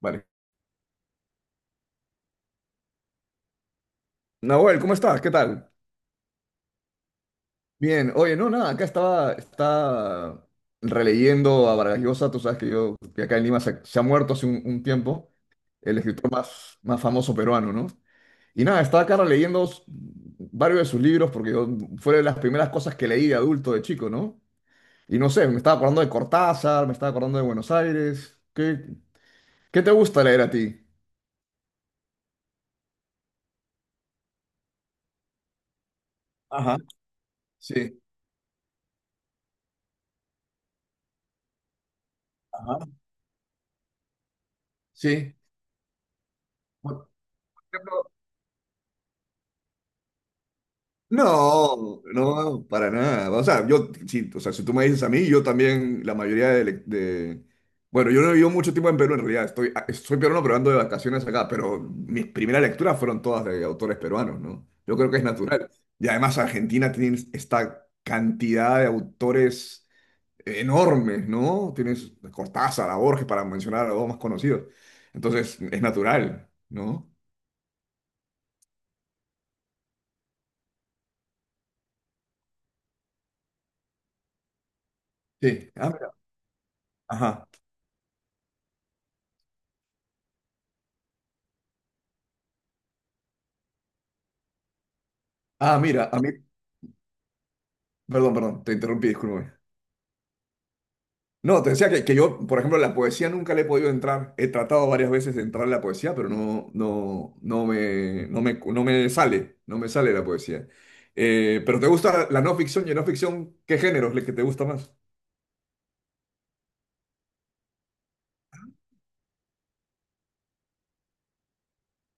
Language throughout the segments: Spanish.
Vale. Nahuel, ¿cómo estás? ¿Qué tal? Bien. Oye, no, nada, acá estaba releyendo a Vargas Llosa. Tú sabes que yo, que acá en Lima se ha muerto hace un tiempo, el escritor más famoso peruano, ¿no? Y nada, estaba acá releyendo varios de sus libros porque fue de las primeras cosas que leí de adulto, de chico, ¿no? Y no sé, me estaba acordando de Cortázar, me estaba acordando de Buenos Aires. ¿Qué, qué te gusta leer a ti? Ajá. Sí, ajá. Sí. Por ejemplo, no, no, para nada. O sea, yo, sí, o sea, si tú me dices a mí, yo también, la mayoría bueno, yo no vivo mucho tiempo en Perú, en realidad. Estoy, ah, soy peruano, pero ando de vacaciones acá. Pero mis primeras lecturas fueron todas de autores peruanos, ¿no? Yo creo que es natural. Y además, Argentina tiene esta cantidad de autores enormes, ¿no? Tienes Cortázar, a Borges, para mencionar a los dos más conocidos. Entonces, es natural, ¿no? Sí. Ah, mira. Ajá. Ah, mira, a mí. Perdón, perdón, te interrumpí, discúlpame. No, te decía que yo, por ejemplo, la poesía nunca le he podido entrar. He tratado varias veces de entrar a la poesía, pero no, no, no me, no me, no me sale, no me sale la poesía. Pero ¿te gusta la no ficción y no ficción? ¿Qué género es el que te gusta más?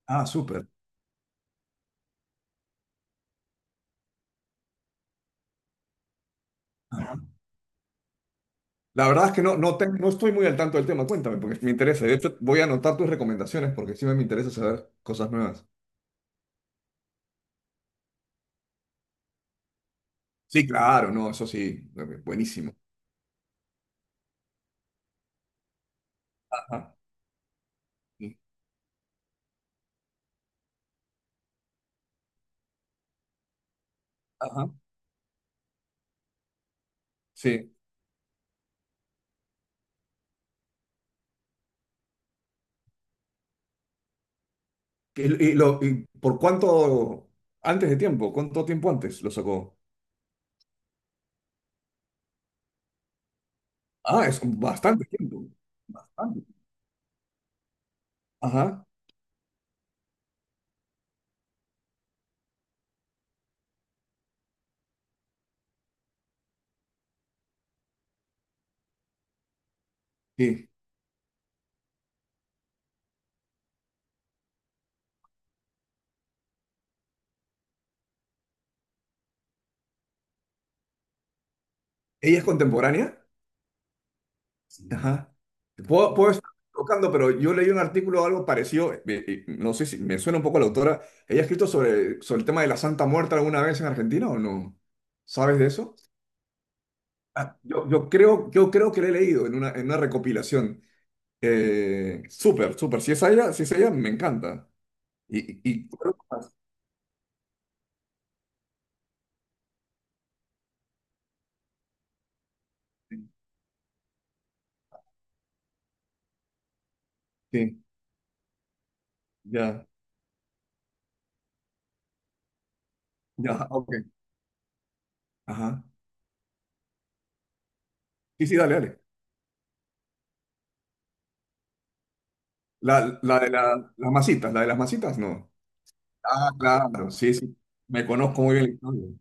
Ah, súper. Ajá. La verdad es que no, no, no estoy muy al tanto del tema. Cuéntame, porque me interesa. De hecho, voy a anotar tus recomendaciones porque sí me interesa saber cosas nuevas. Sí, claro, no, eso sí, buenísimo. Ajá. Ajá. Sí. Y lo, y por cuánto antes de tiempo? ¿Cuánto tiempo antes lo sacó? Ah, es bastante tiempo. Bastante. Ajá, sí. ¿Ella es contemporánea? Sí. Ajá. Puedo, puedo estar tocando, pero yo leí un artículo o algo parecido, no sé si me suena un poco a la autora. ¿Ella ha escrito sobre, sobre el tema de la Santa Muerte alguna vez en Argentina o no? ¿Sabes de eso? Ah, yo, yo creo que la he leído en una recopilación. Súper, súper. Si es ella, si es ella, me encanta. Y, y, y- Sí, ya, ya, ok. Ajá. Sí, sí, dale, dale. La, las masitas, la de las masitas, no. Ah, claro, sí, sí. Me conozco muy bien la historia.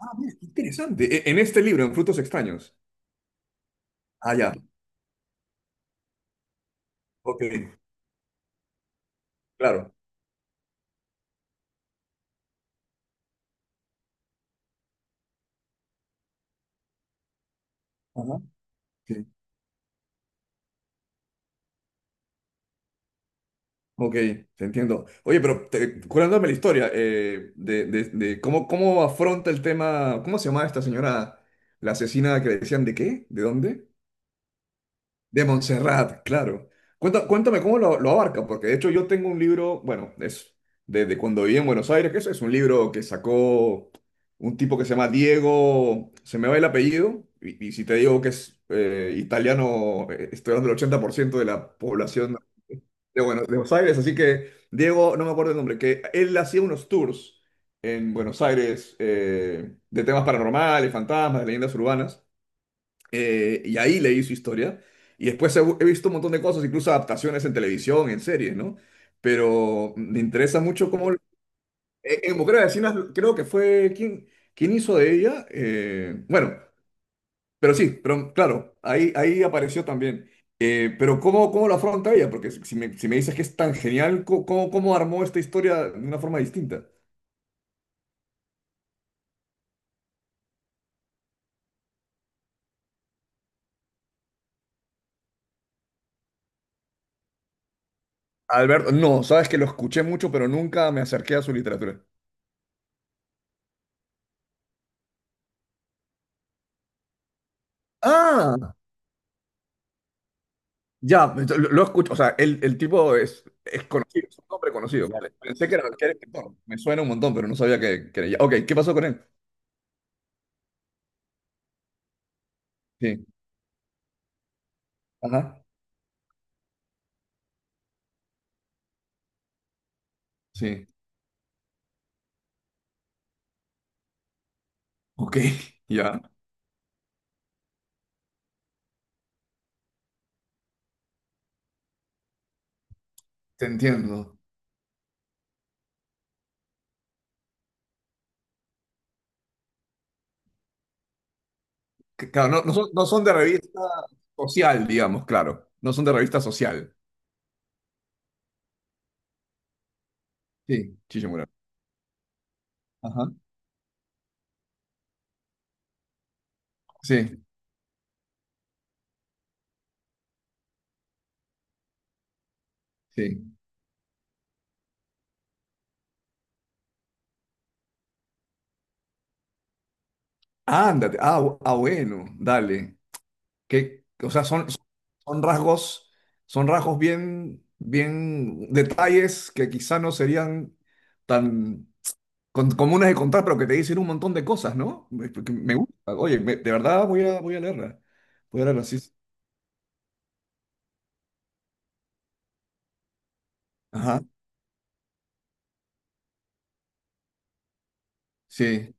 Ah, mira, qué interesante. E- En este libro, en Frutos Extraños. Ah, ya. Ok, claro. Ajá. Sí. Ok, te entiendo. Oye, pero te, curándome la historia de, de cómo, cómo afronta el tema, ¿cómo se llamaba esta señora? La asesina que le decían de qué, de dónde. De Montserrat, claro. Cuéntame, cómo lo abarca, porque de hecho yo tengo un libro, bueno, es desde cuando viví en Buenos Aires, que eso es un libro que sacó un tipo que se llama Diego, se me va el apellido, y si te digo que es italiano, estoy hablando del 80% de la población de, Buenos Aires, así que Diego, no me acuerdo el nombre, que él hacía unos tours en Buenos Aires de temas paranormales, fantasmas, de leyendas urbanas. Y ahí leí su historia. Y después he, he visto un montón de cosas, incluso adaptaciones en televisión, en series, ¿no? Pero me interesa mucho cómo... En Mujer Asesina creo que fue... ¿Quién, quién hizo de ella? Bueno, pero sí, pero claro, ahí, ahí apareció también. Pero ¿cómo, cómo lo afronta ella? Porque si si me dices que es tan genial, ¿cómo, cómo armó esta historia de una forma distinta? Alberto, no, sabes que lo escuché mucho, pero nunca me acerqué a su literatura. Ah, ya, lo escucho, o sea, el tipo es conocido, es un hombre conocido. Claro. Pensé que era escritor, me suena un montón, pero no sabía que era ella. Ok, ¿qué pasó con él? Sí, ajá, sí. Ok, ya, te entiendo. Que, claro, no, no son, no son de revista social, digamos, claro. No son de revista social. Sí, Chichimura. Ajá, sí, sí. Ándate, ah, ah, bueno, dale. Que, o sea, son, son rasgos bien, bien detalles que quizá no serían tan comunes de contar, pero que te dicen un montón de cosas, ¿no? Me, porque me gusta. Oye, de verdad voy a, voy a leerla. Voy a leerla, sí. Sí. Ajá, sí.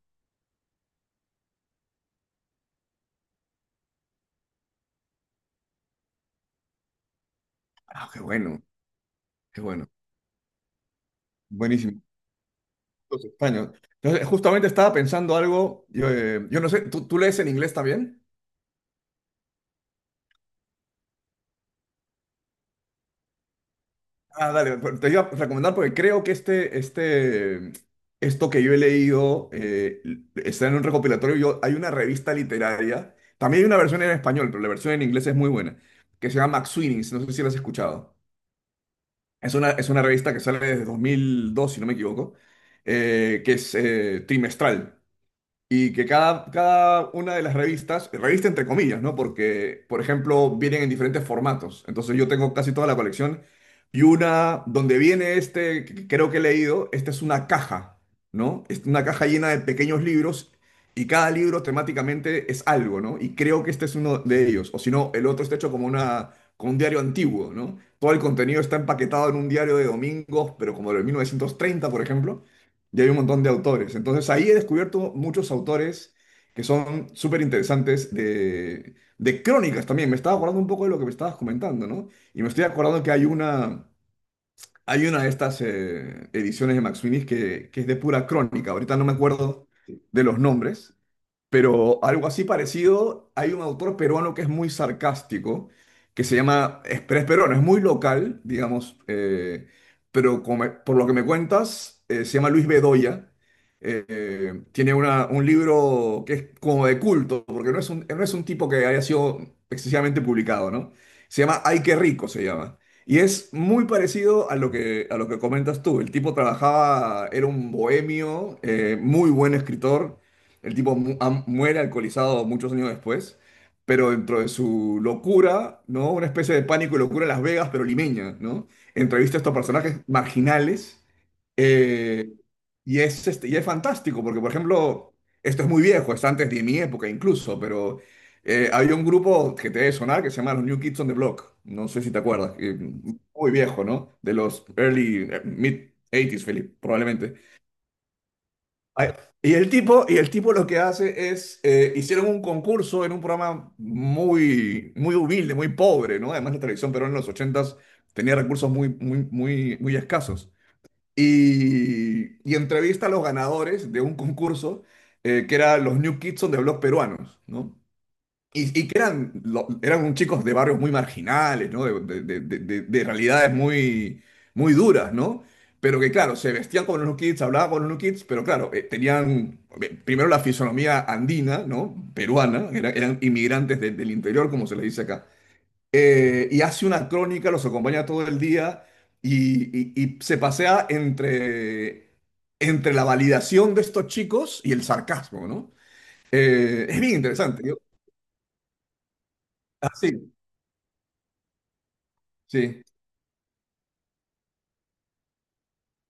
Ah, qué bueno, qué bueno. Buenísimo. Los españoles. Entonces, justamente estaba pensando algo, yo, yo no sé, ¿tú, tú lees en inglés también? Ah, dale, pero te iba a recomendar porque creo que este, esto que yo he leído está en un recopilatorio. Yo, hay una revista literaria, también hay una versión en español, pero la versión en inglés es muy buena, que se llama McSweeney's, no sé si la has escuchado. Es una revista que sale desde 2002, si no me equivoco, que es trimestral. Y que cada, cada una de las revistas, revista entre comillas, ¿no? Porque, por ejemplo, vienen en diferentes formatos. Entonces yo tengo casi toda la colección. Y una donde viene este, que creo que he leído, esta es una caja, ¿no? Es una caja llena de pequeños libros y cada libro temáticamente es algo, ¿no? Y creo que este es uno de ellos. O si no, el otro está hecho como una, como un diario antiguo, ¿no? Todo el contenido está empaquetado en un diario de domingos, pero como de 1930, por ejemplo y hay un montón de autores. Entonces ahí he descubierto muchos autores que son súper interesantes de crónicas también. Me estaba acordando un poco de lo que me estabas comentando, ¿no? Y me estoy acordando que hay una de estas ediciones de Max Finis que es de pura crónica. Ahorita no me acuerdo de los nombres, pero algo así parecido, hay un autor peruano que es muy sarcástico, que se llama, es, pero es peruano, es muy local, digamos, pero por lo que me cuentas, se llama Luis Bedoya. Tiene un libro que es como de culto, porque no es un, no es un tipo que haya sido excesivamente publicado, ¿no? Se llama Ay, qué rico, se llama. Y es muy parecido a lo que comentas tú. El tipo trabajaba, era un bohemio, muy buen escritor el tipo muere alcoholizado muchos años después, pero dentro de su locura, ¿no? Una especie de pánico y locura en Las Vegas, pero limeña, ¿no? Entrevista a estos personajes marginales. eh, y es, este, y es fantástico, porque, por ejemplo, esto es muy viejo, es antes de mi época incluso, pero había un grupo que te debe sonar que se llama los New Kids on the Block. No sé si te acuerdas. Muy viejo, ¿no? De los early, mid 80s, Philip, probablemente. Ay, y el tipo, y el tipo lo que hace es, hicieron un concurso en un programa muy, muy humilde, muy pobre, ¿no? Además la televisión pero en los ochentas tenía recursos muy, muy, muy, muy escasos. Y entrevista a los ganadores de un concurso que era los New Kids on the Block peruanos, ¿no? Y que eran, eran un chicos de barrios muy marginales, ¿no? De, de realidades muy, muy duras, ¿no? Pero que, claro, se vestían como los New Kids, hablaban con los New Kids, pero claro, tenían primero la fisonomía andina, ¿no? Peruana, eran inmigrantes del interior, como se les dice acá. Y hace una crónica, los acompaña todo el día y, y se pasea entre, entre la validación de estos chicos y el sarcasmo, ¿no? Es bien interesante. Yo- ah, sí, sí.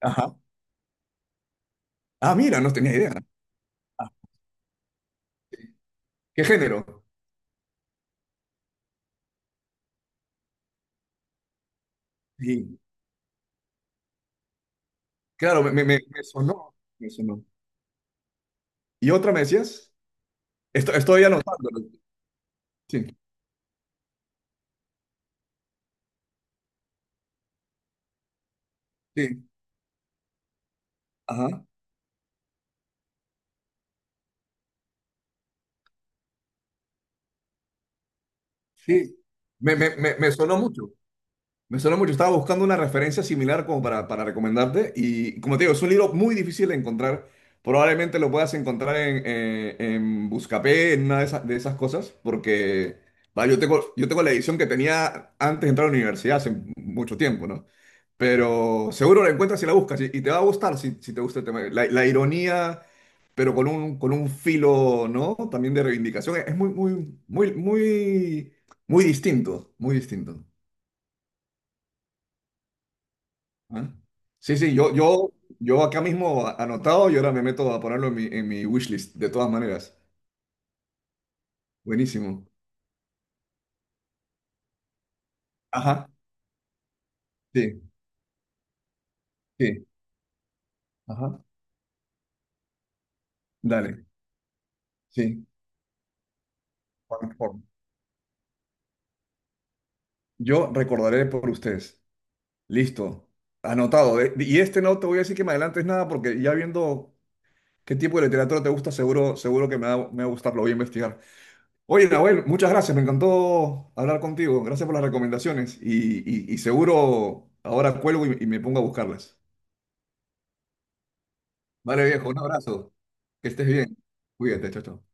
Ajá. Ah, mira, no tenía idea. Ah, ¿qué género? Sí, claro, me, me sonó, me sonó. ¿Y otra me decías? Esto, estoy anotando. Sí, sí, ajá, sí. Me, me sonó mucho. Me suena mucho. Estaba buscando una referencia similar como para recomendarte. Y como te digo, es un libro muy difícil de encontrar. Probablemente lo puedas encontrar en Buscapé, en una de esas cosas. Porque va, yo tengo la edición que tenía antes de entrar a la universidad hace mucho tiempo, ¿no? Pero seguro la encuentras si la buscas. Y te va a gustar si, si te gusta el tema. La ironía, pero con un filo, ¿no? También de reivindicación. Es muy, muy, muy, muy, muy distinto. Muy distinto. Ah. Sí, sí, yo acá mismo anotado y ahora me meto a ponerlo en mi wishlist, de todas maneras. Buenísimo. Ajá, sí, sí, ajá. Dale, sí. por- por- Yo recordaré por ustedes. Listo, anotado. De- Y este no te voy a decir que me adelantes nada porque ya viendo qué tipo de literatura te gusta, seguro, seguro que me va a gustar, lo voy a investigar. Oye, Nahuel, muchas gracias, me encantó hablar contigo. Gracias por las recomendaciones y, y seguro ahora cuelgo y me pongo a buscarlas. Vale, viejo, un abrazo. Que estés bien. Cuídate, chao, chao.